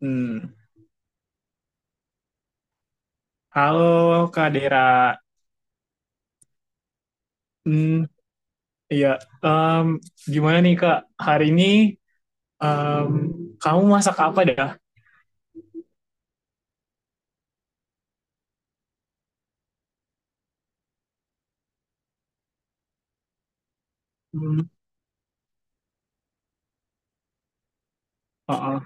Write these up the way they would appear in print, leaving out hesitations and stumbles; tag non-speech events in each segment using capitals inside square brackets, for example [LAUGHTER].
Hmm. Halo Kak Dera. Hmm, iya. Em, Gimana nih Kak? Hari ini em, kamu masak apa dah? Hmm. Oh,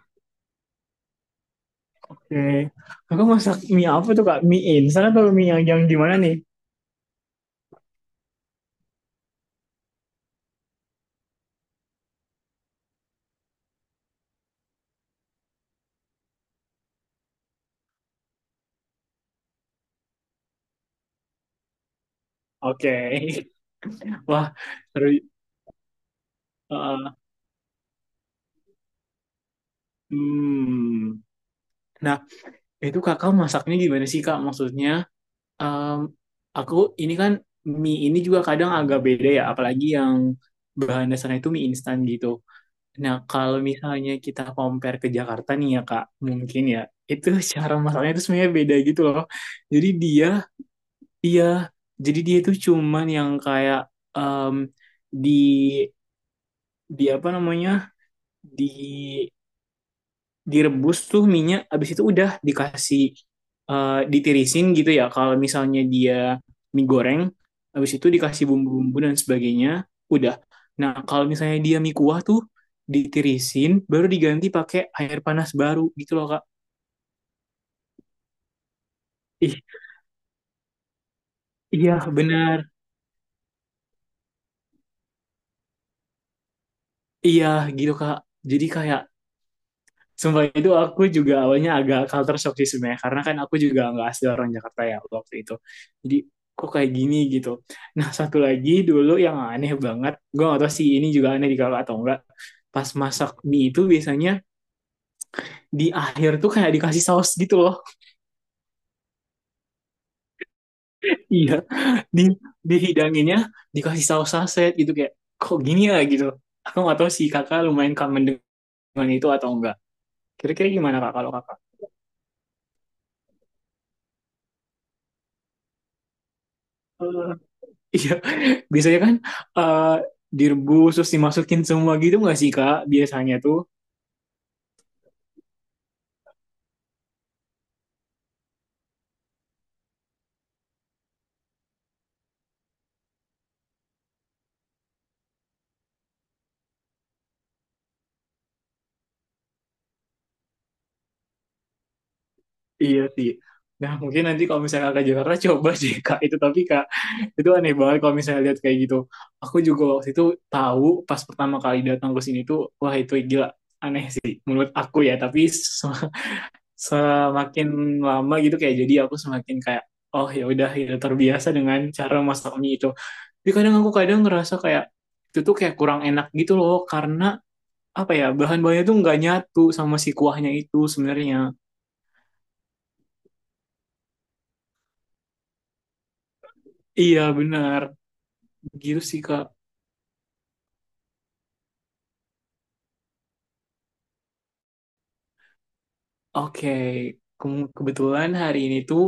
oke. Aku masak mie apa tuh Kak? Mie instan atau mie yang gimana nih? Oke. [LAUGHS] Wah, seru. Heeh. Hmm. Nah, itu Kakak masaknya gimana sih Kak? Maksudnya em, aku ini kan mie ini juga kadang agak beda ya, apalagi yang bahan dasarnya itu mie instan gitu. Nah, kalau misalnya kita compare ke Jakarta nih ya Kak, mungkin ya itu [LAUGHS] cara masaknya itu sebenarnya beda gitu loh. Jadi dia, iya, jadi dia itu cuman yang kayak em, di di apa namanya di direbus tuh minyak, abis itu udah dikasih ditirisin gitu ya. Kalau misalnya dia mie goreng, abis itu dikasih bumbu-bumbu dan sebagainya, udah. Nah, kalau misalnya dia mie kuah tuh ditirisin, baru diganti pakai air panas baru gitu loh, Kak. Ih, iya benar. Iya gitu, Kak. Jadi kayak sumpah itu aku juga awalnya agak culture shock sih sebenarnya karena kan aku juga nggak asli orang Jakarta ya waktu itu. Jadi kok kayak gini gitu. Nah, satu lagi dulu yang aneh banget, gue gak tau sih ini juga aneh di kakak atau enggak. Pas masak mie itu biasanya di akhir tuh kayak dikasih saus gitu loh. Iya, [LAUGHS] di dihidanginnya dikasih saus saset gitu kayak kok gini ya gitu. Aku gak tau sih kakak lumayan kangen dengan itu atau enggak. Kira-kira gimana kak kalau kakak? Iya, [LAUGHS] biasanya kan eh, direbus terus dimasukin semua gitu nggak sih Kak? Biasanya tuh. Iya sih. Nah, mungkin nanti kalau misalnya Kakak Jakarta [LAUGHS] coba sih Kak itu, tapi Kak itu aneh banget kalau misalnya lihat kayak gitu. Aku juga waktu itu tahu pas pertama kali datang ke sini tuh wah itu gila aneh sih menurut aku ya, tapi semakin lama gitu kayak jadi aku semakin kayak oh ya udah ya terbiasa dengan cara masak mie itu. Tapi kadang aku kadang ngerasa kayak itu tuh kayak kurang enak gitu loh karena apa ya bahan-bahannya tuh nggak nyatu sama si kuahnya itu sebenarnya. Iya benar, gitu sih Kak. Oke. Kebetulan hari ini tuh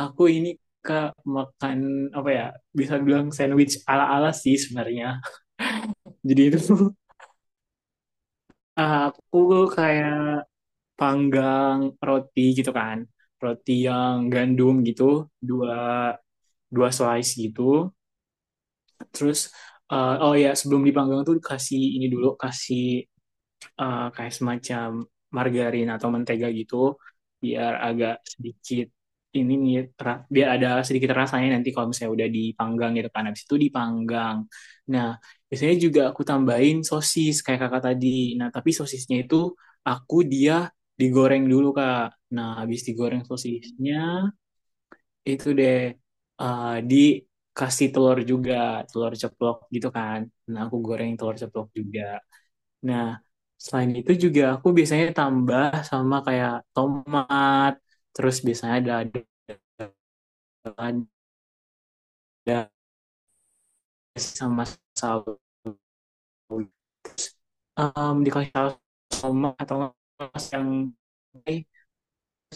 aku ini Kak makan apa ya, bisa bilang sandwich ala-ala sih sebenarnya. Jadi itu [LAUGHS] aku kayak panggang roti gitu kan, roti yang gandum gitu dua dua slice gitu. Terus oh ya, sebelum dipanggang tuh kasih ini dulu kasih kayak semacam margarin atau mentega gitu biar agak sedikit ini nih biar ada sedikit rasanya nanti kalau misalnya udah dipanggang gitu kan habis itu dipanggang. Nah, biasanya juga aku tambahin sosis kayak kakak tadi. Nah, tapi sosisnya itu aku dia digoreng dulu Kak. Nah, habis digoreng sosisnya itu deh dikasih telur juga, telur ceplok gitu kan. Nah, aku goreng telur ceplok juga. Nah, selain itu juga aku biasanya tambah sama kayak tomat, terus biasanya ada sama saus. Dikasih saus tomat atau nggak saus yang eh,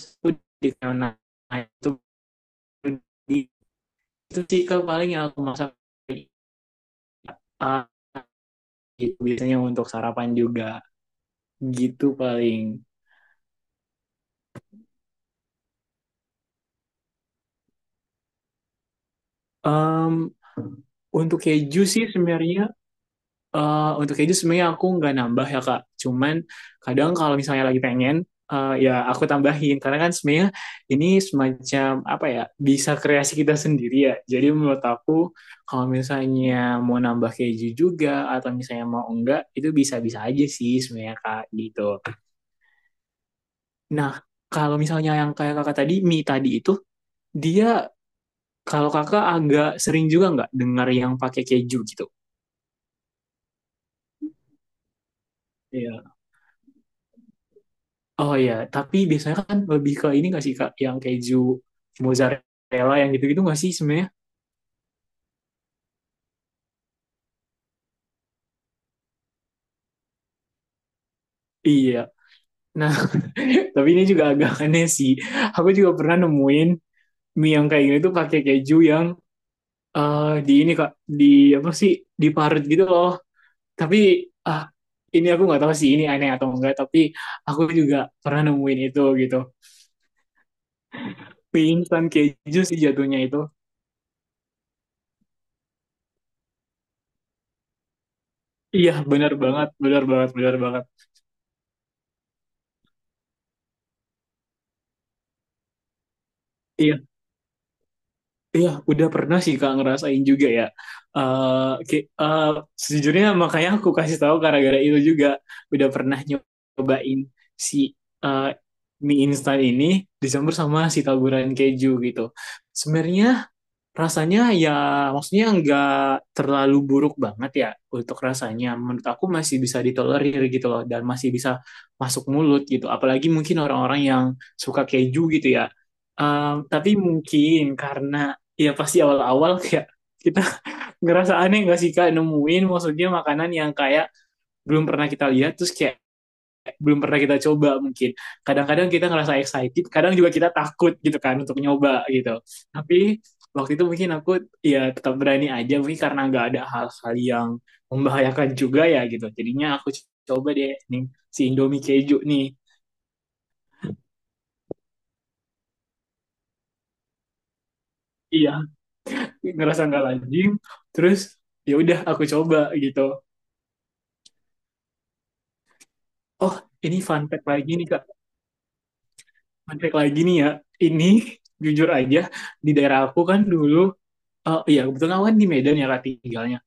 itu di nah, itu di itu sih ke paling yang aku masak. Ah, gitu biasanya untuk sarapan juga gitu paling. Em, untuk keju sih sebenarnya. Untuk keju sebenarnya aku nggak nambah ya Kak. Cuman kadang kalau misalnya lagi pengen, ya aku tambahin. Karena kan sebenarnya ini semacam apa ya, bisa kreasi kita sendiri ya. Jadi menurut aku kalau misalnya mau nambah keju juga atau misalnya mau enggak, itu bisa-bisa aja sih sebenarnya Kak gitu. Nah, kalau misalnya yang kayak kakak tadi, mie tadi itu, dia kalau kakak agak sering juga nggak dengar yang pakai keju gitu? Iya. Oh iya, tapi biasanya kan lebih ke ini nggak sih Kak, yang keju mozzarella yang gitu-gitu nggak sih sebenarnya? Iya. Nah, [LAUGHS] tapi ini juga agak [LAUGHS] aneh sih. Aku juga pernah nemuin mie yang kayak gini tuh pakai keju yang di ini Kak, di apa sih? Diparut gitu loh. Tapi ah, ini aku nggak tahu sih ini aneh atau enggak, tapi aku juga pernah nemuin itu gitu. Mie instan keju sih jatuhnya itu. Iya, benar banget, benar banget, benar banget. Iya. Iya, udah pernah sih Kak ngerasain juga ya. Eh, ki- eh, Sejujurnya makanya aku kasih tahu gara-gara itu juga udah pernah nyobain si eh, mie instan ini dicampur sama si taburan keju gitu. Sebenarnya rasanya ya maksudnya nggak terlalu buruk banget ya untuk rasanya. Menurut aku masih bisa ditolerir gitu loh dan masih bisa masuk mulut gitu. Apalagi mungkin orang-orang yang suka keju gitu ya. Tapi mungkin karena ya pasti awal-awal kayak kita [LAUGHS] ngerasa aneh nggak sih Kak nemuin maksudnya makanan yang kayak belum pernah kita lihat terus kayak belum pernah kita coba mungkin. Kadang-kadang kita ngerasa excited, kadang juga kita takut gitu kan untuk nyoba gitu. Tapi waktu itu mungkin aku ya tetap berani aja mungkin karena nggak ada hal-hal yang membahayakan juga ya gitu. Jadinya aku coba deh nih si Indomie keju nih. Iya, ngerasa nggak lazim. Terus ya udah aku coba gitu. Oh, ini fun fact lagi nih Kak. Fun fact lagi nih ya. Ini [LAUGHS] jujur aja di daerah aku kan dulu iya kebetulan aku kan di Medan ya Kak tinggalnya.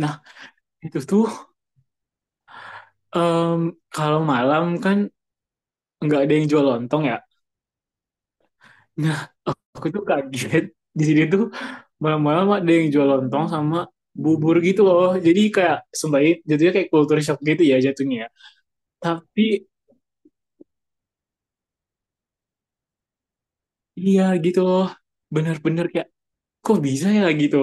Nah, itu tuh em, kalau malam kan nggak ada yang jual lontong ya. Nah, aku tuh kaget di sini tuh malam-malam ada yang jual lontong sama bubur gitu loh. Jadi kayak sembari jatuhnya kayak culture shock gitu ya jatuhnya, ya. Tapi iya gitu loh. Bener-bener kayak kok bisa ya gitu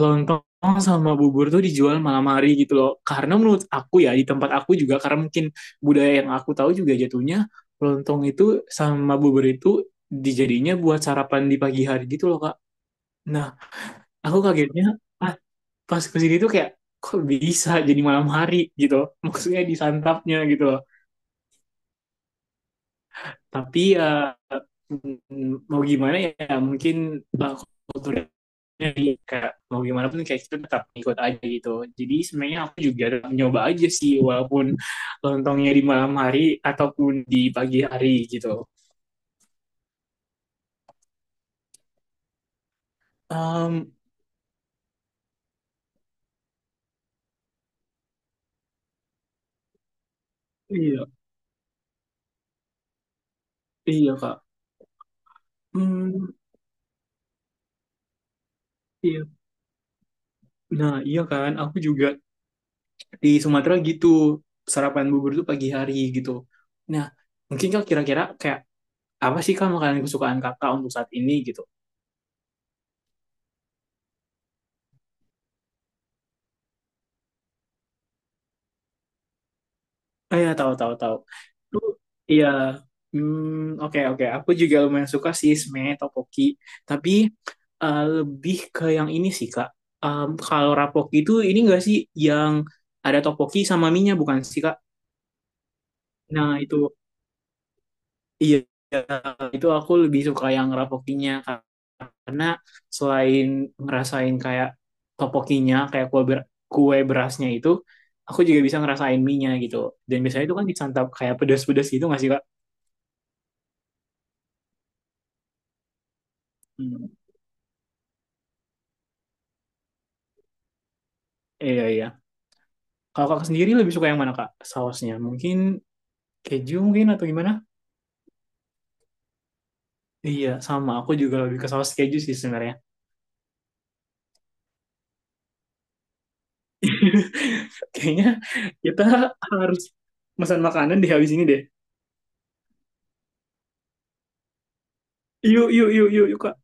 lontong sama bubur tuh dijual malam hari gitu loh karena menurut aku ya di tempat aku juga karena mungkin budaya yang aku tahu juga jatuhnya lontong itu sama bubur itu dijadinya buat sarapan di pagi hari gitu loh kak. Nah, aku kagetnya ah, pas kesini tuh kayak kok bisa jadi malam hari gitu maksudnya disantapnya gitu loh tapi ya mau gimana ya mungkin uh, kultur jadi kayak mau gimana pun kayak itu tetap ikut aja gitu. Jadi sebenarnya aku juga tetap nyoba aja sih walaupun lontongnya di malam hari ataupun di pagi hari gitu. Um, iya, iya Kak. Hmm, iya. Nah, iya kan, aku juga di Sumatera gitu sarapan bubur tuh pagi hari gitu. Nah, mungkin Kak kira-kira kayak apa sih Kak makanan kesukaan Kakak untuk saat ini gitu? Oh ya, tahu tahu tahu. Lu iya. Hmm, oke oke. Aku juga lumayan suka sih sebenarnya topoki tapi lebih ke yang ini sih, Kak. Kalau rapoki itu ini enggak sih yang ada topoki sama mie bukan sih, Kak? Nah, itu iya, itu aku lebih suka yang rapokinya karena selain ngerasain kayak topokinya kayak kue berasnya itu aku juga bisa ngerasain mie-nya gitu dan biasanya itu kan disantap kayak pedas-pedas gitu nggak sih kak? Hmm. Iya, iya. Kalau kakak sendiri lebih suka yang mana, Kak? Sausnya? Mungkin keju mungkin atau gimana? Iya, sama. Aku juga lebih ke saus keju sih sebenarnya. [LAUGHS] Kayaknya kita harus pesan makanan di habis ini deh. Yuk, yuk, yuk, yuk, yuk, Kak.